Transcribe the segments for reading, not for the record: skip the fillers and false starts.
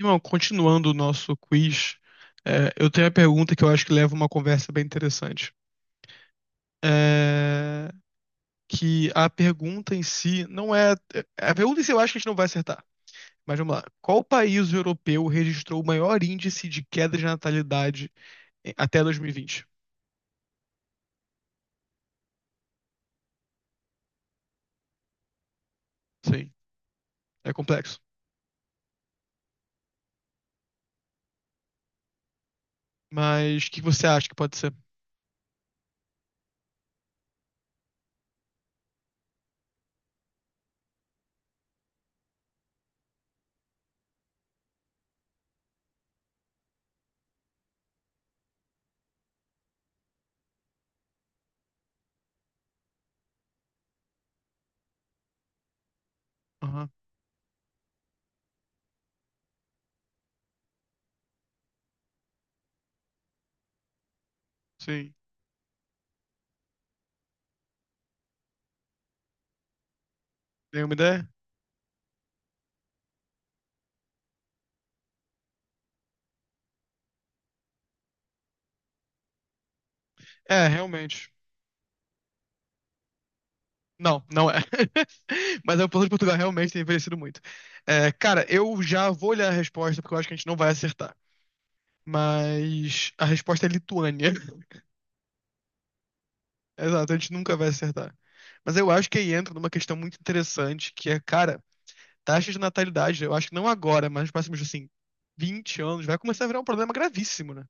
Irmão, continuando o nosso quiz, eu tenho a pergunta que eu acho que leva uma conversa bem interessante. É, que a pergunta em si não é. É, A pergunta em si eu acho que a gente não vai acertar. Mas vamos lá. Qual país europeu registrou o maior índice de queda de natalidade até 2020? Sim, é complexo. Mas o que você acha que pode ser? Aham, sim. Nenhuma ideia? É, realmente. Não, não é. Mas a população de Portugal realmente tem envelhecido muito. É, cara, eu já vou olhar a resposta porque eu acho que a gente não vai acertar. Mas a resposta é Lituânia. Exato, a gente nunca vai acertar. Mas eu acho que aí entra numa questão muito interessante, que é, cara, taxa de natalidade, eu acho que não agora, mas nos próximos, assim, 20 anos, vai começar a virar um problema gravíssimo, né?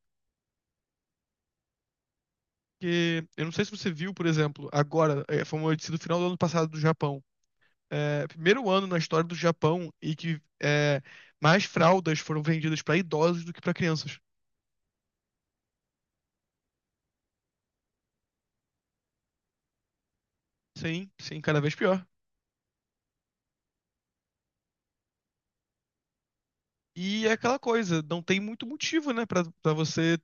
Porque eu não sei se você viu, por exemplo, agora, foi uma notícia do final do ano passado do Japão, primeiro ano na história do Japão e que é, mais fraldas foram vendidas para idosos do que para crianças. Sim, sim, cada vez pior. E é aquela coisa, não tem muito motivo, né, pra você.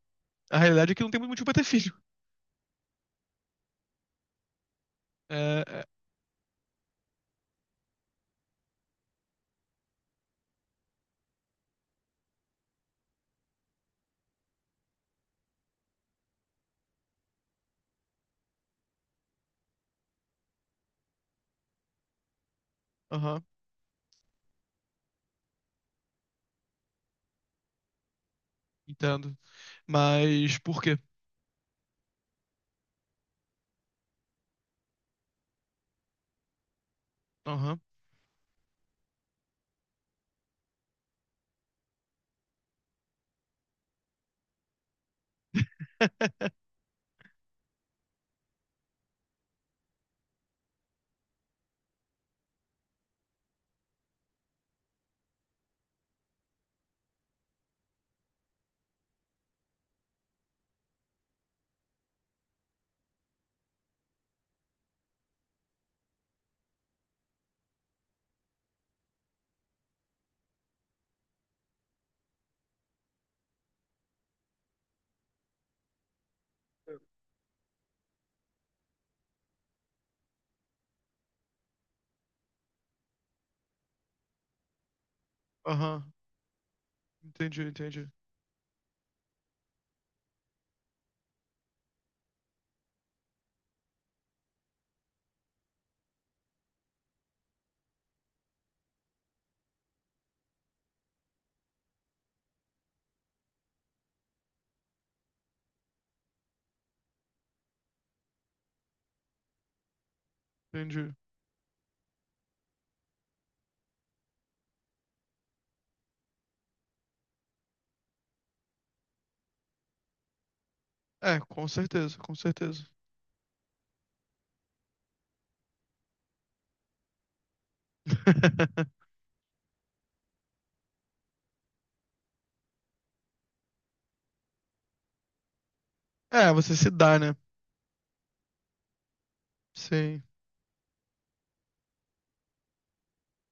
A realidade é que não tem muito motivo pra ter filho. É, é, aham, entendo. Mas por quê? Aham. Aham, entendi, entendi. É, com certeza, com certeza. É, você se dá, né? Sim,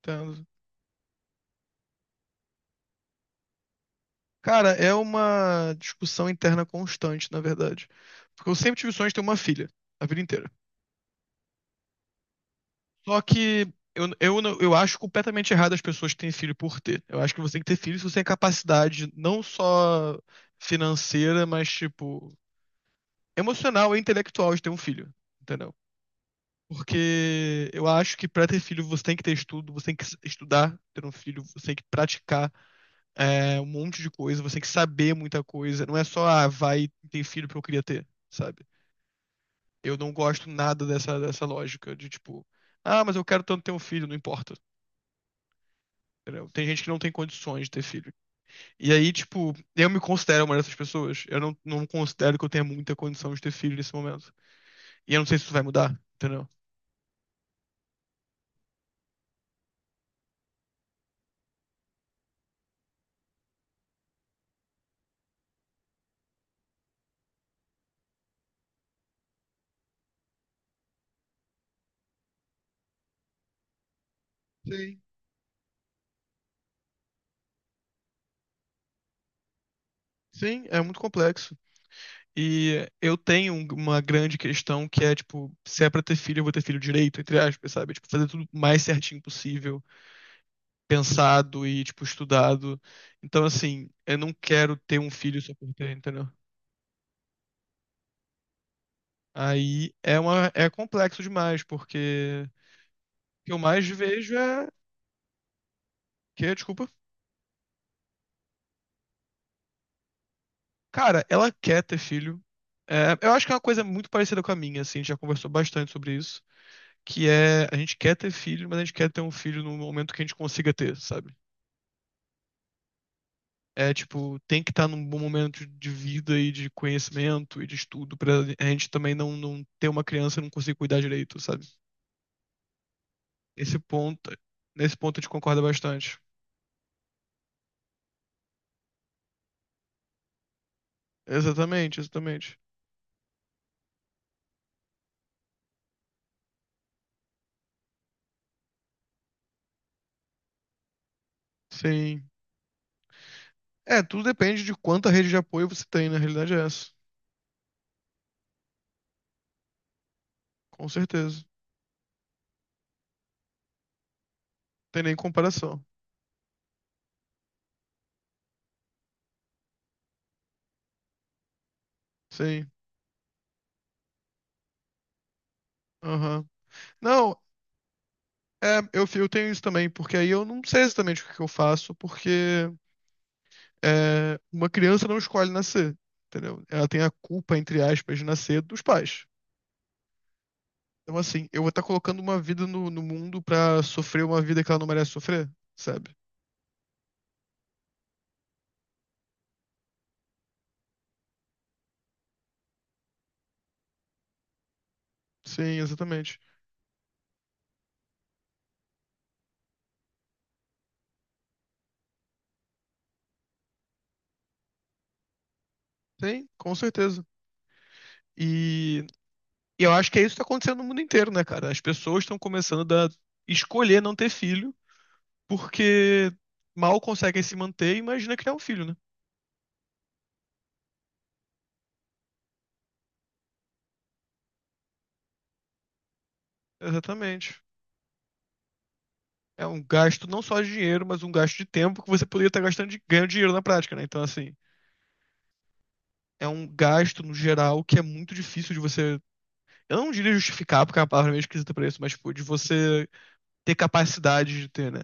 entendo. Cara, é uma discussão interna constante, na verdade. Porque eu sempre tive o sonho de ter uma filha, a vida inteira. Só que eu, não- eu acho completamente errado as pessoas que têm filho por ter. Eu acho que você tem que ter filho se você tem capacidade, não só financeira, mas, tipo, emocional e intelectual de ter um filho, entendeu? Porque eu acho que pra ter filho você tem que ter estudo, você tem que estudar, ter um filho, você tem que praticar. Um monte de coisa, você tem que saber muita coisa. Não é só, ah, vai ter filho porque eu queria ter, sabe? Eu não gosto nada dessa lógica de tipo, ah, mas eu quero tanto ter um filho, não importa. Entendeu? Tem gente que não tem condições de ter filho. E aí, tipo, eu me considero uma dessas pessoas. Eu não, não considero que eu tenha muita condição de ter filho nesse momento. E eu não sei se isso vai mudar, entendeu? Sim. Sim, é muito complexo. E eu tenho uma grande questão que é, tipo, se é pra ter filho, eu vou ter filho direito, entre aspas, sabe? Tipo, fazer tudo o mais certinho possível. Pensado e, tipo, estudado. Então, assim, eu não quero ter um filho só por ter, entendeu? Aí é uma, é complexo demais, porque o que eu mais vejo é que, desculpa, cara, ela quer ter filho. É, eu acho que é uma coisa muito parecida com a minha, assim, a gente já conversou bastante sobre isso, que é a gente quer ter filho, mas a gente quer ter um filho no momento que a gente consiga ter, sabe? É tipo, tem que estar num bom momento de vida e de conhecimento e de estudo pra a gente também não ter uma criança e não conseguir cuidar direito, sabe? Esse ponto, Nesse ponto a gente concorda bastante. Exatamente, exatamente. Sim. É, tudo depende de quanta rede de apoio você tem, na realidade é essa. Com certeza. Não tem nem comparação. Sim. Aham. Não, é, eu tenho isso também, porque aí eu não sei exatamente o que que eu faço, porque é, uma criança não escolhe nascer, entendeu? Ela tem a culpa, entre aspas, de nascer dos pais. Então, assim, eu vou estar colocando uma vida no mundo pra sofrer uma vida que ela não merece sofrer, sabe? Sim, exatamente. Sim, com certeza. E, e eu acho que é isso que está acontecendo no mundo inteiro, né, cara? As pessoas estão começando a escolher não ter filho porque mal conseguem se manter e imagina criar um filho, né? Exatamente. É um gasto não só de dinheiro, mas um gasto de tempo que você poderia estar gastando de, ganhando dinheiro na prática, né? Então, assim, é um gasto no geral que é muito difícil de você. Eu não diria justificar, porque é uma palavra meio esquisita pra isso, mas, tipo, de você ter capacidade de ter, né?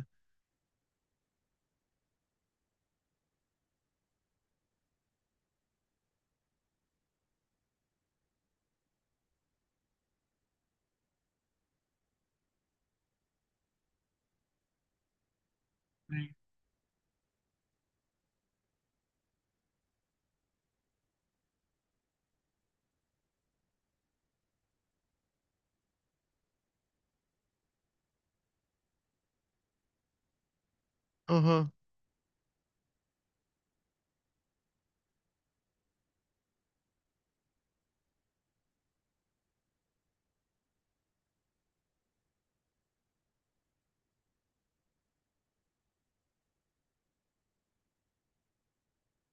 Sim. Aham,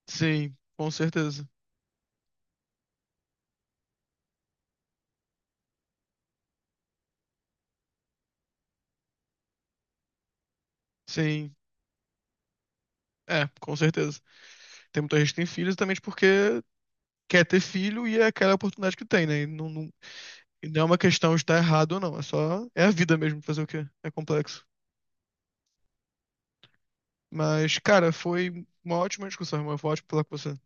Sim, com certeza. Sim, É, com certeza. Tem muita gente que tem filho exatamente porque quer ter filho e é aquela oportunidade que tem, né? E não é uma questão de estar errado ou não, é só. É a vida mesmo, fazer o quê? É complexo. Mas, cara, foi uma ótima discussão, irmão. Foi ótimo falar com você.